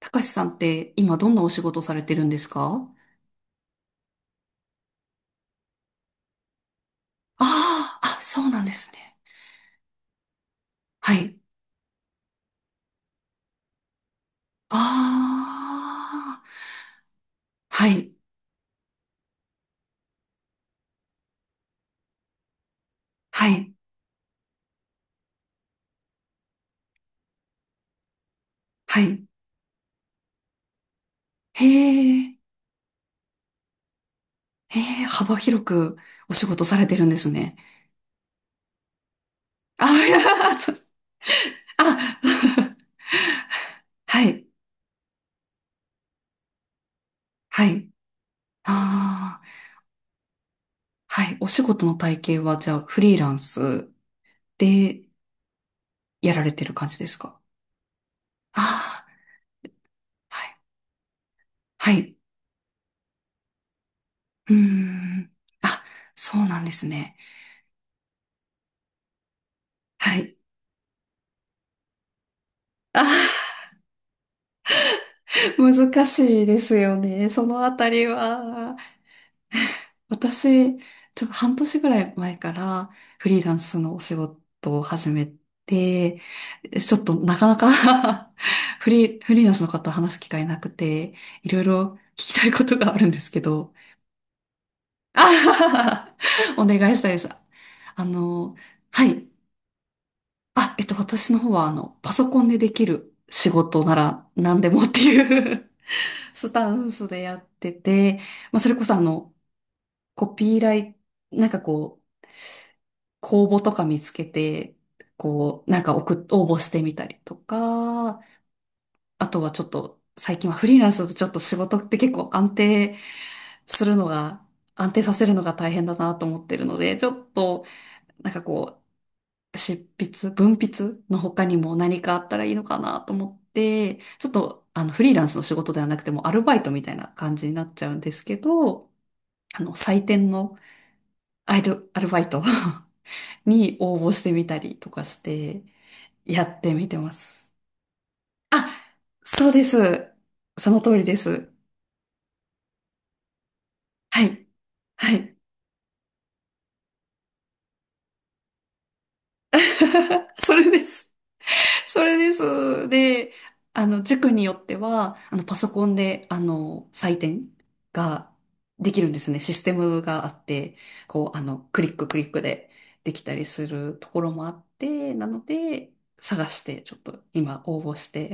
たかしさんって今どんなお仕事されてるんですか？ああー、あ、そうなんですね。はい。ああ、はい、はい、はい。へえ、へえ、幅広くお仕事されてるんですね。あ、いや、そあ、はい、はい。ああ、はい。お仕事の体系はじゃあフリーランスでやられてる感じですか？ああー、はい、はい。うーん。あ、そうなんですね。はい。あ、難しいですよね、そのあたりは。私、ちょっと半年ぐらい前からフリーランスのお仕事を始めて、ちょっとなかなか フリーランスの方話す機会なくて、いろいろ聞きたいことがあるんですけど、あははは。お願いしたいです。あの、はい。あ、私の方は、あの、パソコンでできる仕事なら何でもっていうスタンスでやってて、まあ、それこそあの、コピーライ、なんかこう、公募とか見つけて、こう、なんか送っ、応募してみたりとか、あとはちょっと、最近はフリーランスだとちょっと仕事って結構安定するのが、安定させるのが大変だなと思ってるので、ちょっと、なんかこう、執筆、文筆の他にも何かあったらいいのかなと思って、ちょっと、あの、フリーランスの仕事ではなくてもアルバイトみたいな感じになっちゃうんですけど、あの、採点のアルバイト に応募してみたりとかして、やってみてます。あ、そうです。その通りです。はい。はい。それです。それです。で、あの、塾によっては、あの、パソコンで、あの、採点ができるんですね。システムがあって、こう、あの、クリッククリックでできたりするところもあって、なので、探して、ちょっと今応募して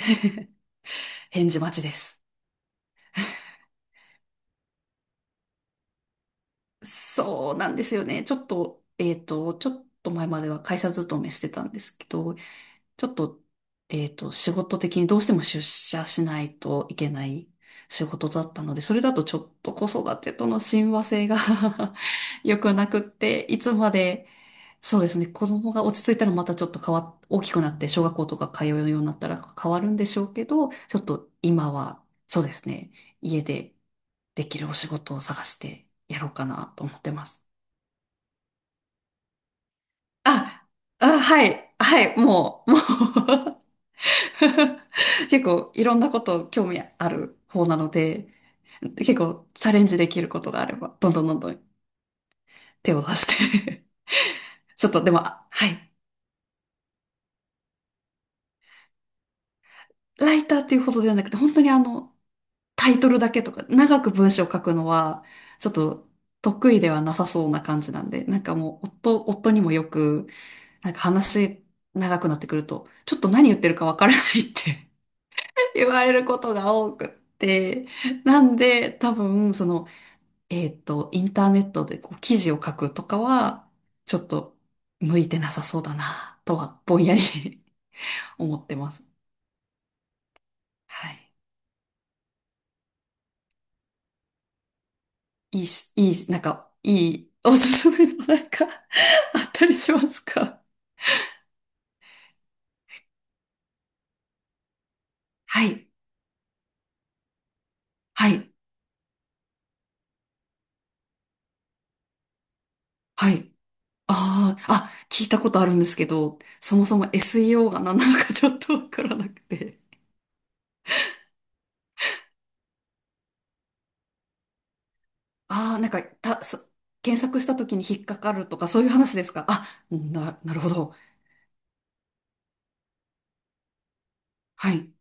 返事待ちです。そうなんですよね。ちょっと、ちょっと前までは会社勤めしてたんですけど、ちょっと、仕事的にどうしても出社しないといけない仕事だったので、それだとちょっと子育てとの親和性が 良くなくって、いつまで、そうですね、子供が落ち着いたらまたちょっと変わっ、大きくなって小学校とか通うようになったら変わるんでしょうけど、ちょっと今は、そうですね、家でできるお仕事を探してやろうかなと思ってます。あ、あ、はい、はい、もう、もう。 結構いろんなこと興味ある方なので、結構チャレンジできることがあれば、どんどんどんどん手を出して ちょっとでも、あはい。ライターっていうほどではなくて、本当にあの、タイトルだけとか、長く文章を書くのは、ちょっと得意ではなさそうな感じなんで、なんかもう、夫にもよく、なんか話長くなってくると、ちょっと何言ってるかわからないって 言われることが多くって、なんで多分その、インターネットでこう記事を書くとかは、ちょっと向いてなさそうだな、とはぼんやり 思ってます。はい。いいし、いい、なんか、いいおすすめのなんか あったりしますか？はい。はい。はい。ああ、あ、聞いたことあるんですけど、そもそも SEO が何なのかちょっとわからなくて。ああ、なんか、た、そ、検索した時に引っかかるとかそういう話ですか？あ、な、なるほど。はい。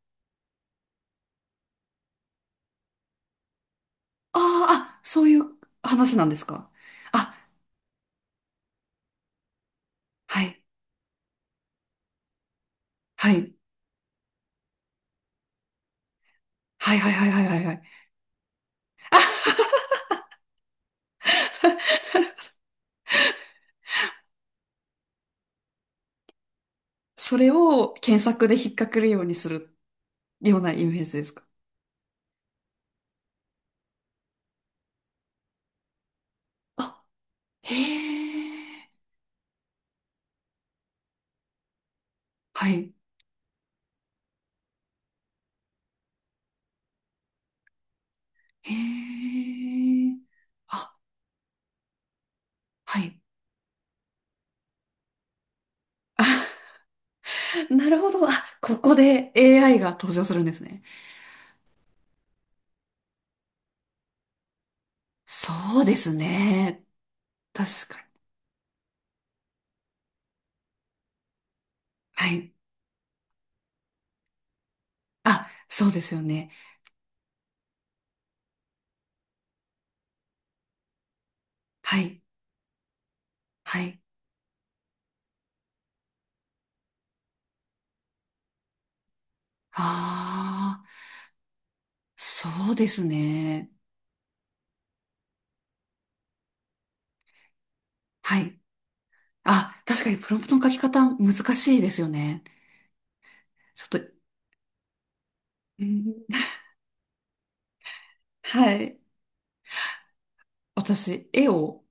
ああ、あ、そういう話なんですか？あ、はい。はい。はいはいはいはいはいはい。あ、それを検索で引っかけるようにするようなイメージですか？あ、へえ。はい。へえ。あ、はい。なるほど。あ、ここで AI が登場するんですね。そうですね。確かに。はい。あ、そうですよね。はい。はい。ああ、そうですね。はい。あ、確かにプロンプトの書き方難しいですよね。ちょっと、うん、はい。私、絵を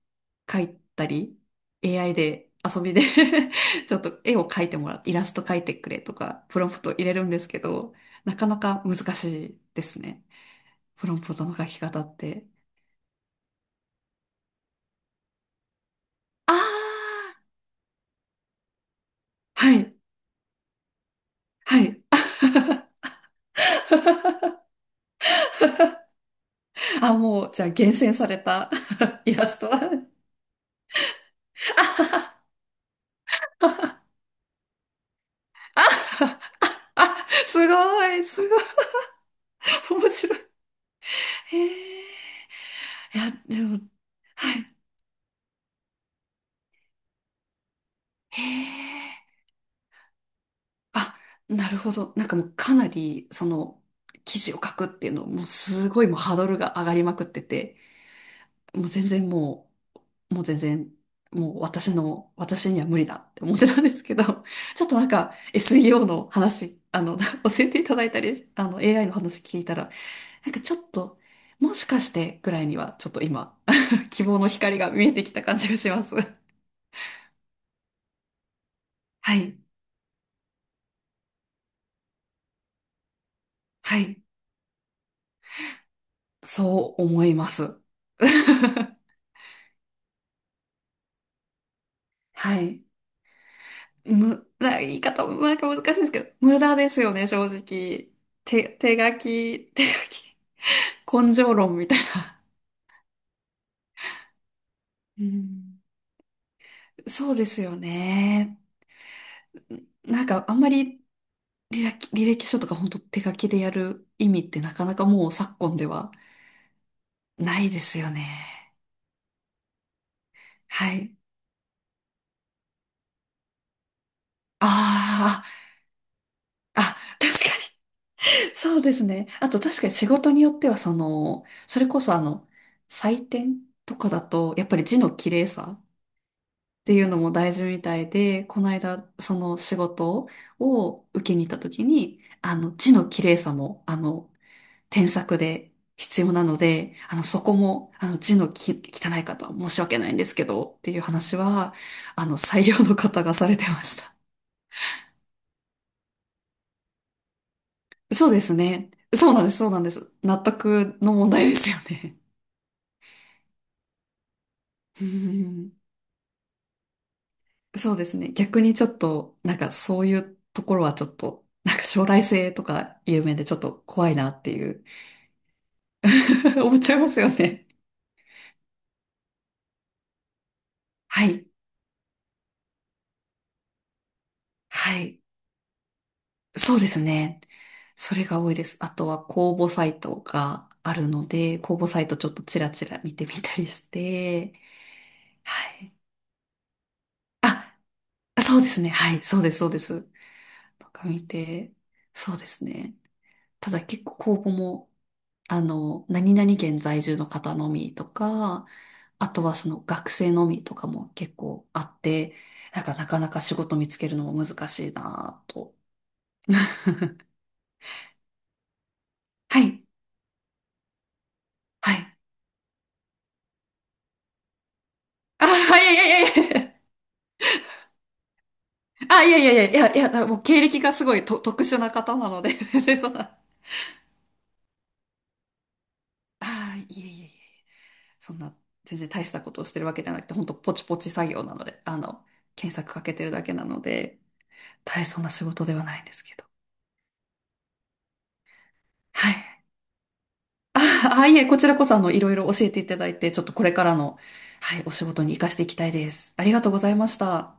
描いたり、AI で遊びで ちょっと絵を描いてもらって、イラスト描いてくれとか、プロンプト入れるんですけど、なかなか難しいですね、プロンプトの書き方って。ああ、はい、はい。あ、もう、じゃあ厳選された イラストだ。あ、あ、すごい、すごい、面白い。へえ。いや、でも、はい。へえ。あ、なるほど。なんかもうかなり、その、記事を書くっていうの、もうすごいもうハードルが上がりまくってて、もう全然もう、もう全然、もう私の、私には無理だって思ってたんですけど、ちょっとなんか SEO の話、あの、教えていただいたり、あの、AI の話聞いたら、なんかちょっと、もしかしてぐらいには、ちょっと今、希望の光が見えてきた感じがします。はい、はい、そう思います。はい。む、な、言い方もなんか難しいんですけど、無駄ですよね、正直。手、手書き、手書き。根性論みたいな。うん。そうですよね。なんかあんまり履歴書とか本当手書きでやる意味ってなかなかもう昨今ではないですよね。はい。ああ、あ、確かに。そうですね。あと確かに仕事によってはその、それこそあの、採点とかだと、やっぱり字の綺麗さっていうのも大事みたいで、この間、その仕事を受けに行った時に、あの、字の綺麗さも、あの、添削で必要なので、あの、そこも、あの、字のき汚い方は申し訳ないんですけど、っていう話は、あの、採用の方がされてました。そうですね。そうなんです、そうなんです。納得の問題ですよね。うん、そうですね。逆にちょっと、なんかそういうところはちょっと、なんか将来性とか有名でちょっと怖いなっていう 思っちゃいますよね。はい。はい。そうですね。それが多いです。あとは公募サイトがあるので、公募サイトちょっとちらちら見てみたりして、はい。あ、そうですね。はい。そうです、そうです。とか見て、そうですね。ただ結構公募も、あの、何々県在住の方のみとか、あとはその学生のみとかも結構あって、なんかなかなか仕事見つけるのも難しいなぁと。はいはい。あ、いやいやいやいや。あ、いやいやいやいや、いや、もう経歴がすごいと特殊な方なので で、そんな、あ、いやいやいやいや、そんな、全然大したことをしてるわけじゃなくて、ほんとポチポチ作業なので、あの、検索かけてるだけなので、大層な仕事ではないんですけど。はい。あ、あ、いえ、こちらこそ、あの、いろいろ教えていただいて、ちょっとこれからの、はい、お仕事に活かしていきたいです。ありがとうございました。